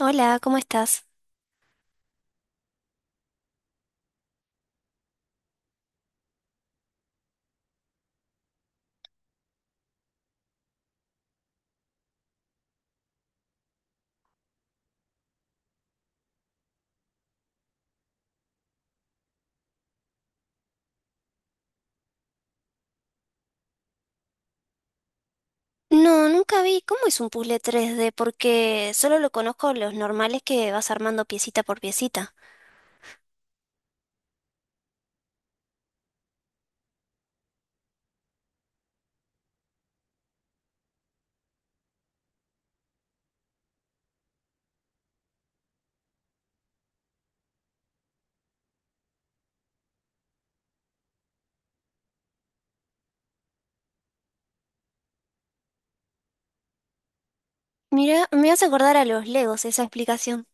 Hola, ¿cómo estás? No, nunca vi cómo es un puzzle 3D porque solo lo conozco los normales que vas armando piecita por piecita. Mira, me hace acordar a los Legos esa explicación.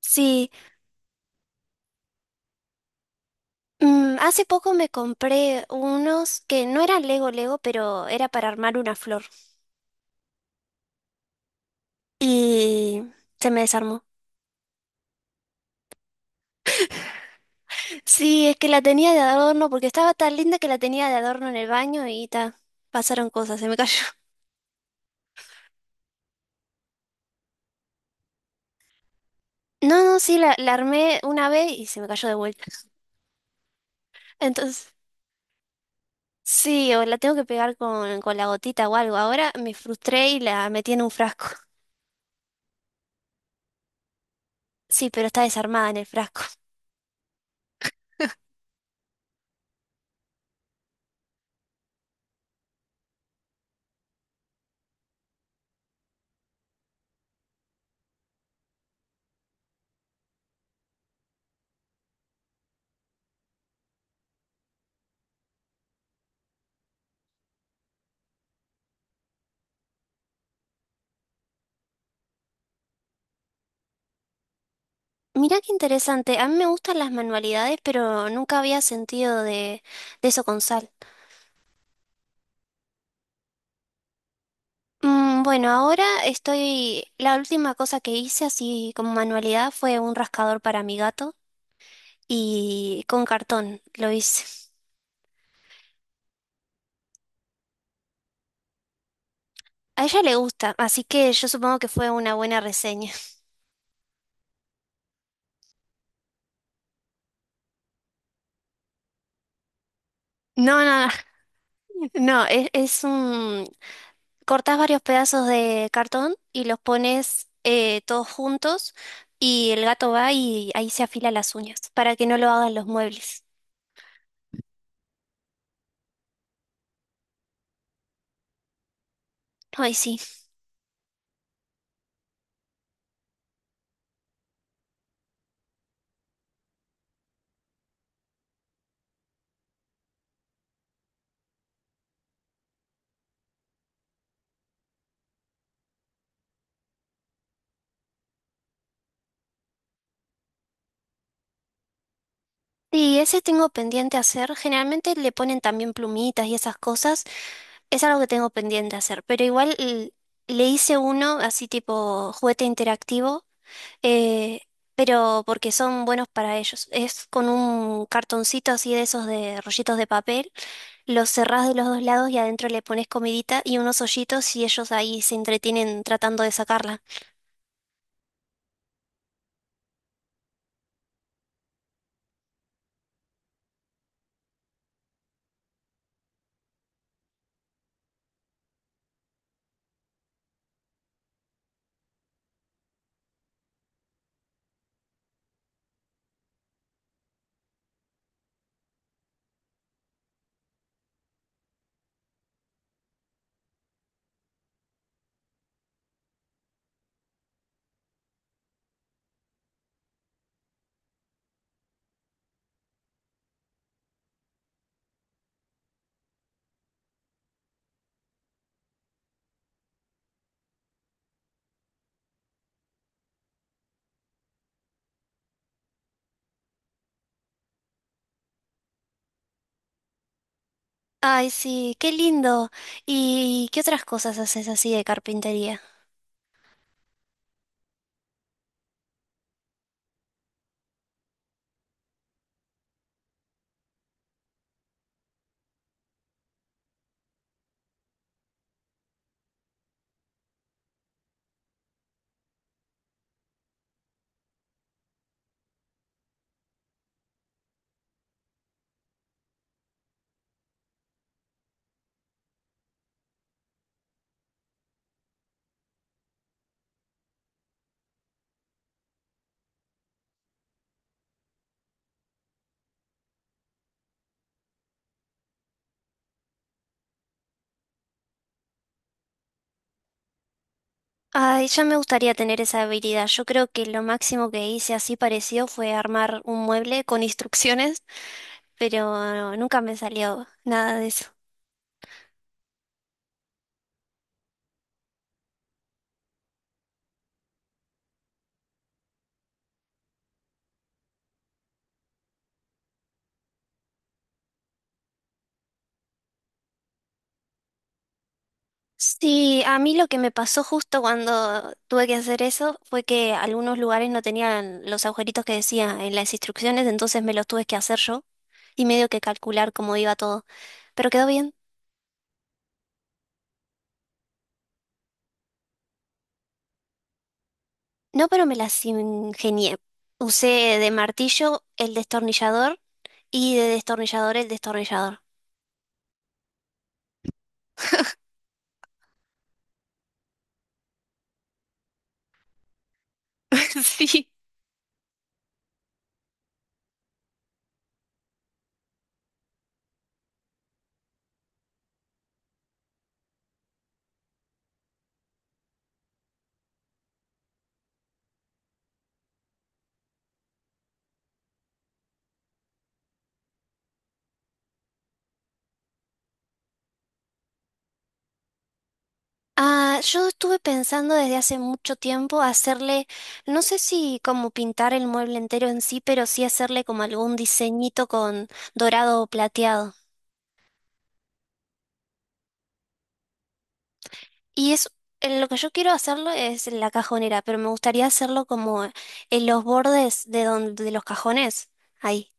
Sí, mm, hace poco me compré unos que no eran Lego Lego, pero era para armar una flor y se me desarmó. Sí, es que la tenía de adorno porque estaba tan linda que la tenía de adorno en el baño y ta, pasaron cosas, se me cayó. No, no, sí, la armé una vez y se me cayó de vuelta. Entonces... Sí, o la tengo que pegar con la gotita o algo. Ahora me frustré y la metí en un frasco. Sí, pero está desarmada en el frasco. Mirá qué interesante. A mí me gustan las manualidades, pero nunca había sentido de eso con sal. Mm, bueno, ahora estoy... La última cosa que hice así como manualidad fue un rascador para mi gato y con cartón lo hice. A ella le gusta, así que yo supongo que fue una buena reseña. No, no, no, no, es un cortás varios pedazos de cartón y los pones todos juntos y el gato va y ahí se afila las uñas para que no lo hagan los muebles. Ay, sí. Y ese tengo pendiente hacer. Generalmente le ponen también plumitas y esas cosas. Es algo que tengo pendiente hacer. Pero igual le hice uno así tipo juguete interactivo. eh, pero porque son buenos para ellos. Es con un cartoncito así de esos de rollitos de papel. Los cerrás de los dos lados y adentro le pones comidita y unos hoyitos y ellos ahí se entretienen tratando de sacarla. Ay, sí, qué lindo. ¿Y qué otras cosas haces así de carpintería? Ay, ya me gustaría tener esa habilidad. Yo creo que lo máximo que hice así parecido fue armar un mueble con instrucciones, pero nunca me salió nada de eso. Sí, a mí lo que me pasó justo cuando tuve que hacer eso fue que algunos lugares no tenían los agujeritos que decía en las instrucciones, entonces me los tuve que hacer yo y medio que calcular cómo iba todo. Pero quedó bien. No, pero me las ingenié. Usé de martillo el destornillador y de destornillador el destornillador. Sí. Ah, yo estuve pensando desde hace mucho tiempo hacerle, no sé si como pintar el mueble entero en sí, pero sí hacerle como algún diseñito con dorado o plateado. Y es lo que yo quiero hacerlo es la cajonera, pero me gustaría hacerlo como en los bordes de donde de los cajones, ahí.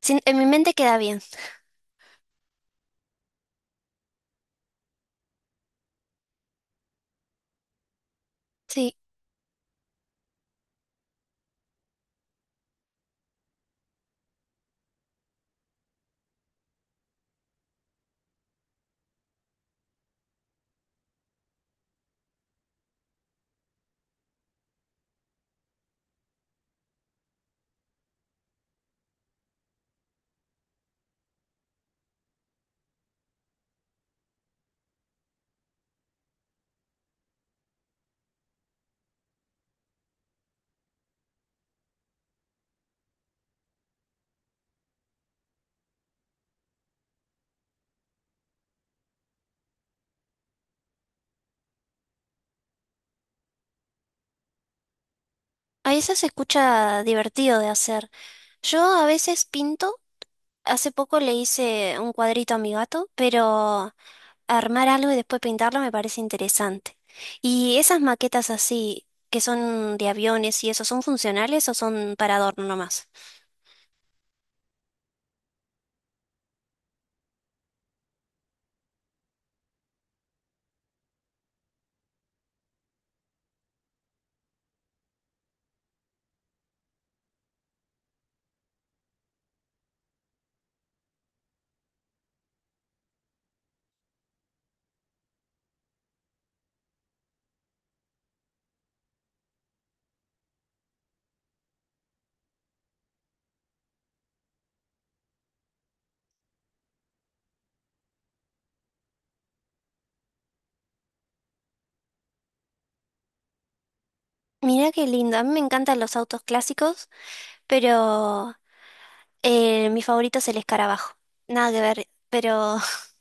En mi mente queda bien. Sí, a eso se escucha divertido de hacer. Yo a veces pinto. Hace poco le hice un cuadrito a mi gato, pero armar algo y después pintarlo me parece interesante. ¿Y esas maquetas así, que son de aviones y eso, son funcionales o son para adorno nomás? Mirá qué lindo, a mí me encantan los autos clásicos, pero mi favorito es el escarabajo. Nada que ver, pero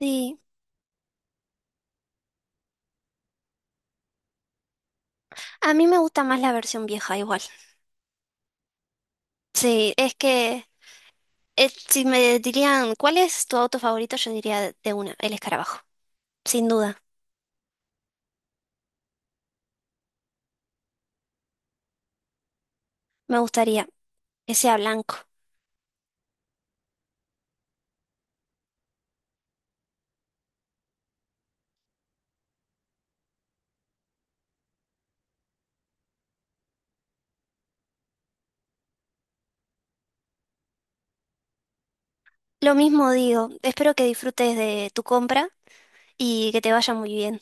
sí, a mí me gusta más la versión vieja igual. Sí, es que si me dirían, ¿cuál es tu auto favorito? Yo diría de una, el escarabajo, sin duda. Me gustaría que sea blanco. Lo mismo digo, espero que disfrutes de tu compra y que te vaya muy bien.